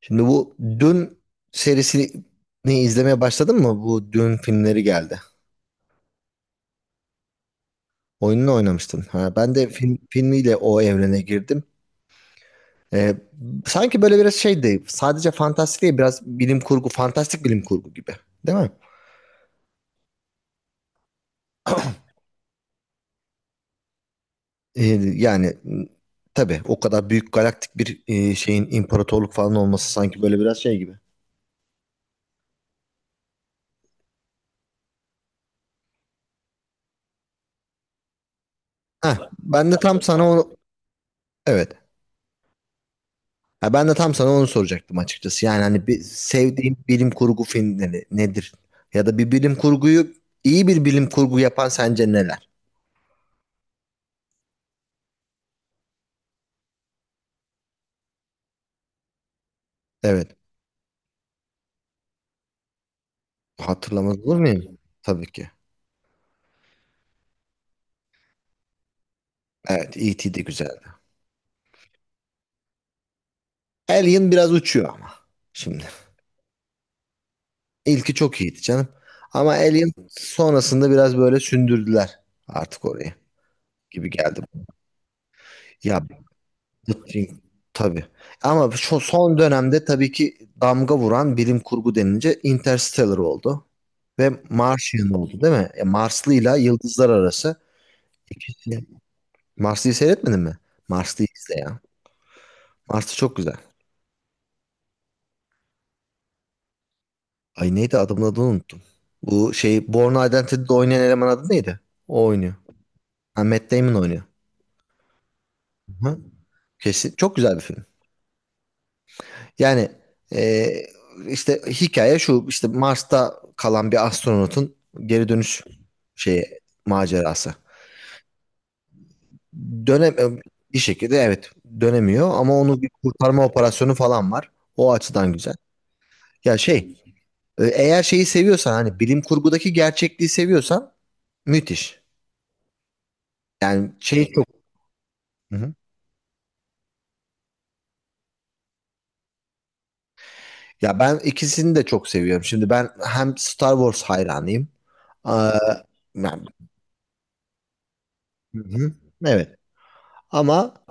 Şimdi bu Dün serisini izlemeye başladın mı? Bu Dün filmleri geldi. Oyununu oynamıştın. Ha, ben de filmiyle o evrene girdim. Ee, sanki böyle biraz şey değil. Sadece fantastik değil. Biraz fantastik bilim kurgu gibi. Değil mi? Ee, yani m, tabii o kadar büyük galaktik bir şeyin imparatorluk falan olması sanki böyle biraz şey gibi. Heh, ben de tam sana onu evet Ha, ben de tam sana onu soracaktım açıkçası. Yani hani bir sevdiğim bilim kurgu filmleri nedir? Ya da bir bilim kurgu yapan sence neler? Evet. Hatırlamaz olur muyum? Tabii ki. Evet, E.T. de güzeldi. Alien biraz uçuyor ama. Şimdi. İlki çok iyiydi canım. Ama Alien sonrasında biraz böyle sündürdüler artık orayı geldi. Ya Nutting tabii. Ama şu son dönemde tabii ki damga vuran bilim kurgu denince Interstellar oldu. Ve Martian oldu değil mi? E, Marslı'yla Yıldızlar Arası. E, Marslı'yı seyretmedin mi? Marslı'yı izle ya. Marslı çok güzel. Ay neydi adamın adını unuttum. Bu şey Born Identity'de oynayan eleman adı neydi? O oynuyor. Ha, Matt Damon oynuyor. Hı. Kesin. Çok güzel bir film. Yani e, işte hikaye şu işte Mars'ta kalan bir astronotun geri dönüş şeyi macerası. Dönem e, bir şekilde evet dönemiyor ama onu bir kurtarma operasyonu falan var. O açıdan güzel. Ya şey eğer şeyi seviyorsan hani bilim kurgudaki gerçekliği seviyorsan müthiş. Yani şey çok. Hı hı. Ya ben ikisini de çok seviyorum. Şimdi ben hem Star Wars hayranıyım. Aa, yani- Hı hı. Evet. Ama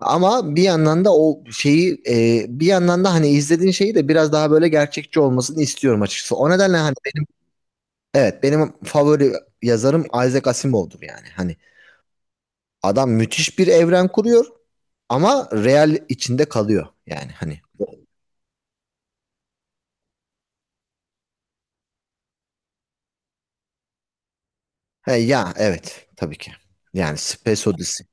Ama bir yandan da bir yandan da hani izlediğin şeyi de biraz daha böyle gerçekçi olmasını istiyorum açıkçası. O nedenle hani benim evet benim favori yazarım Isaac Asimov'dur yani. Hani adam müthiş bir evren kuruyor ama real içinde kalıyor yani hani. He, ya evet tabii ki. Yani Space Odyssey.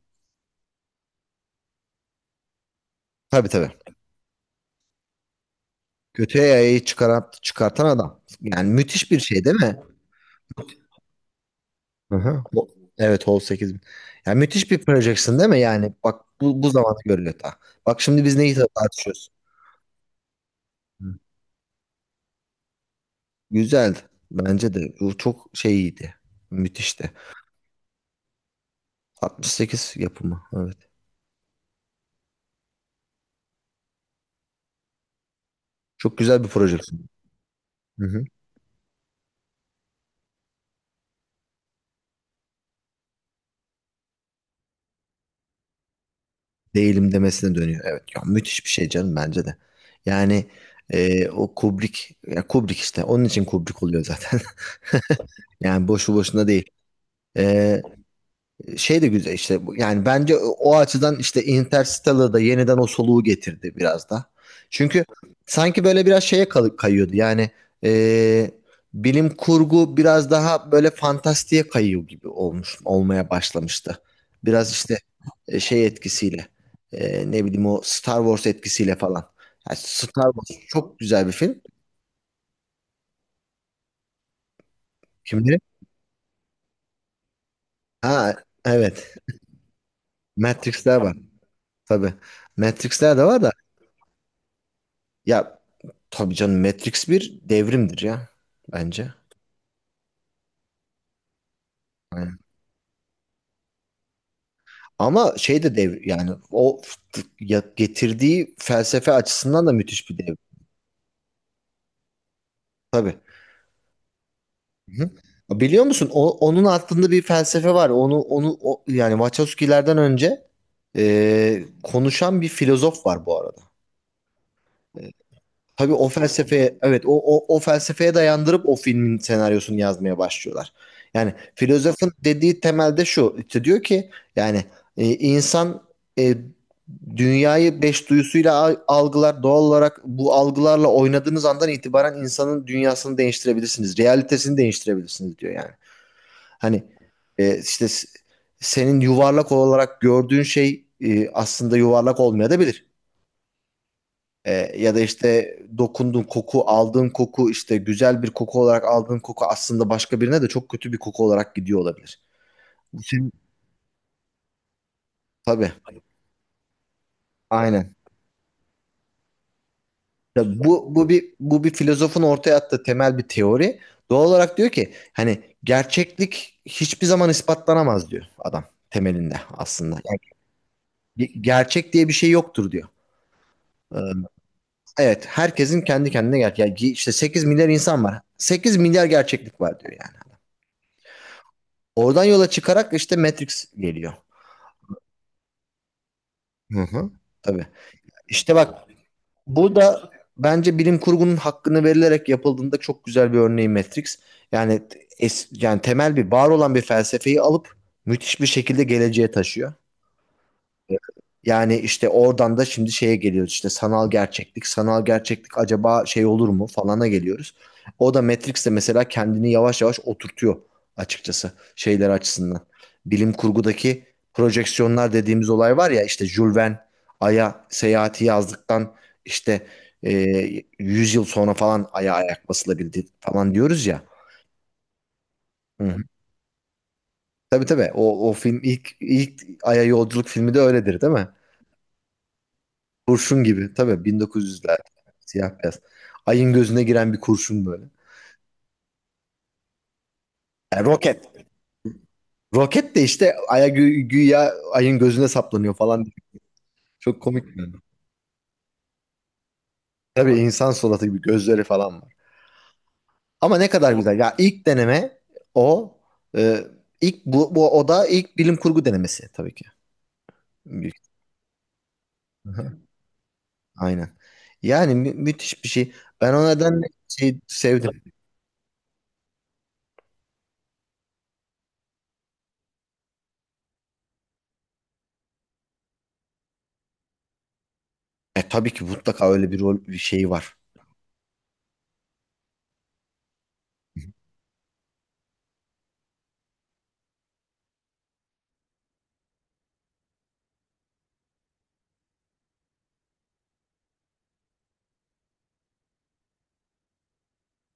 Tabii tabii. Kötüye yayayı çıkartan adam. Yani müthiş bir şey değil mi? Aha. Evet Hall 8000. Yani müthiş bir projection değil mi? Yani bak bu zamanda görülüyor daha. Bak şimdi biz neyi tartışıyoruz? Hı. Güzeldi. Bence de. Bu çok şey iyiydi. Müthişti. 68 yapımı. Evet. Çok güzel bir projection. Hı hı. Değilim demesine dönüyor. Evet. Ya, müthiş bir şey canım bence de. Yani o Kubrick. Ya Kubrick işte. Onun için Kubrick oluyor zaten. Yani boşu boşuna değil. E, şey de güzel işte yani bence o açıdan işte Interstellar'da yeniden o soluğu getirdi biraz da. Çünkü sanki böyle biraz şeye kayıyordu yani e, bilim kurgu biraz daha böyle fantastiğe kayıyor gibi olmuş olmaya başlamıştı. Biraz işte şey etkisiyle ne bileyim o Star Wars etkisiyle falan. Yani Star Wars çok güzel bir film. Kimleri? Ha evet Matrix'ler var tabii. Matrix'ler de var da. Ya tabii canım Matrix bir devrimdir ya bence. Aynen. Ama şey de dev yani getirdiği felsefe açısından da müthiş bir devrim. Tabii. Hı. Biliyor musun onun altında bir felsefe var. Yani Wachowski'lerden önce konuşan bir filozof var bu arada. Tabii o felsefeye evet o felsefeye dayandırıp o filmin senaryosunu yazmaya başlıyorlar. Yani filozofun dediği temelde şu işte diyor ki yani insan e, dünyayı beş duyusuyla algılar doğal olarak bu algılarla oynadığınız andan itibaren insanın dünyasını değiştirebilirsiniz. Realitesini değiştirebilirsiniz diyor yani. Hani e, işte s- senin yuvarlak olarak gördüğün şey aslında yuvarlak olmayabilir. Ee, ya da işte aldığın koku işte güzel bir koku olarak aldığın koku aslında başka birine de çok kötü bir koku olarak gidiyor olabilir. Bu senin tabii. Aynen. Tabii bu bir filozofun ortaya attığı temel bir teori. Doğal olarak diyor ki hani gerçeklik hiçbir zaman ispatlanamaz diyor adam temelinde aslında. Yani gerçek diye bir şey yoktur diyor. Ee, evet, herkesin kendi kendine gerçek. Yani işte 8 milyar insan var. 8 milyar gerçeklik var diyor yani. Oradan yola çıkarak işte Matrix geliyor. Hı hı. Tabii. İşte bak bu da bence bilim kurgunun hakkını verilerek yapıldığında çok güzel bir örneği Matrix. Yani yani temel bir var olan bir felsefeyi alıp müthiş bir şekilde geleceğe taşıyor. Yani işte oradan da şimdi şeye geliyoruz işte sanal gerçeklik. Sanal gerçeklik acaba şey olur mu falana geliyoruz. O da Matrix'te mesela kendini yavaş yavaş oturtuyor açıkçası şeyler açısından. Bilim kurgudaki projeksiyonlar dediğimiz olay var ya işte Jules Verne Ay'a seyahati yazdıktan işte e, 100 yıl sonra falan Ay'a ayak basılabildi falan diyoruz ya. Hı hı. Tabii tabii o film ilk Ay'a yolculuk filmi de öyledir değil mi? Kurşun gibi. Tabii 1900'lerde. Siyah beyaz. Ayın gözüne giren bir kurşun böyle. Yani roket. Roket de işte aya güya ayın gözüne saplanıyor falan. Çok komik yani. Tabii insan suratı gibi gözleri falan var. Ama ne kadar güzel. Ya ilk deneme o. Ee, ilk bu, bu o da ilk bilim kurgu denemesi tabii ki. Büyük- Aha, Aynen. Müthiş bir şey. Ben o nedenle şey sevdim. Tabii ki mutlaka öyle bir rol bir şey var.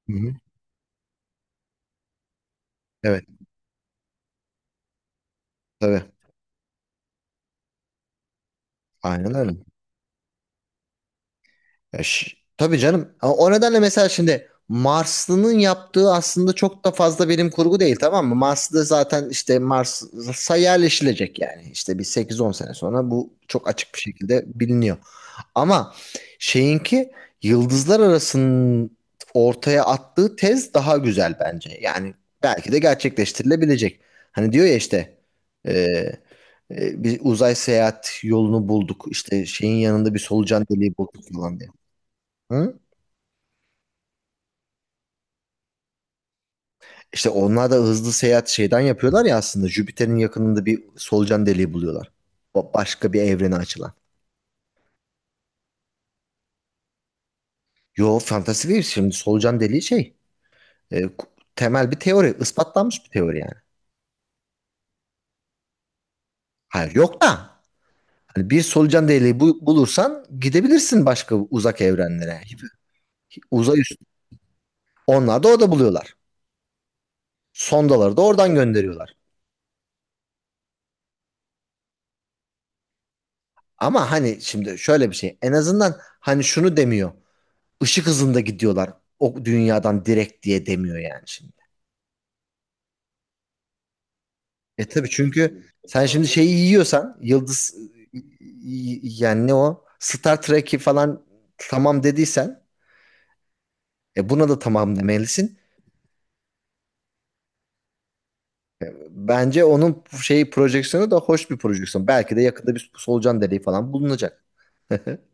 Hı hı. Evet tabii. Aynen öyle. Tabii canım. Ama o nedenle mesela şimdi Marslı'nın yaptığı aslında çok da fazla bilim kurgu değil tamam mı? Marslı zaten işte Mars'a yerleşilecek yani. İşte bir sekiz on sene sonra bu çok açık bir şekilde biliniyor. Ama şeyinki yıldızlar arasının ortaya attığı tez daha güzel bence. Yani belki de gerçekleştirilebilecek. Hani diyor ya işte e, bir uzay seyahat yolunu bulduk. İşte şeyin yanında bir solucan deliği bulduk falan. Hı? İşte onlar da hızlı seyahat şeyden yapıyorlar ya aslında. Jüpiter'in yakınında bir solucan deliği buluyorlar. Başka bir evrene açılan. Yo fantasi değil şimdi solucan deliği şey. e, ku- temel bir teori. İspatlanmış bir teori yani. Hayır yok da. Hani bir solucan deliği bulursan gidebilirsin başka uzak evrenlere. Uzay üstü. Onlar da orada buluyorlar. Sondaları da oradan gönderiyorlar. Ama hani şimdi şöyle bir şey. En azından hani şunu demiyor. Işık hızında gidiyorlar. O dünyadan direkt diye demiyor yani şimdi. E tabii çünkü sen şimdi şeyi yiyorsan yıldız yani ne o Star Trek'i falan tamam dediysen e buna da tamam demelisin. Bence onun şeyi projeksiyonu da hoş bir projeksiyon. Belki de yakında bir solucan deliği falan bulunacak.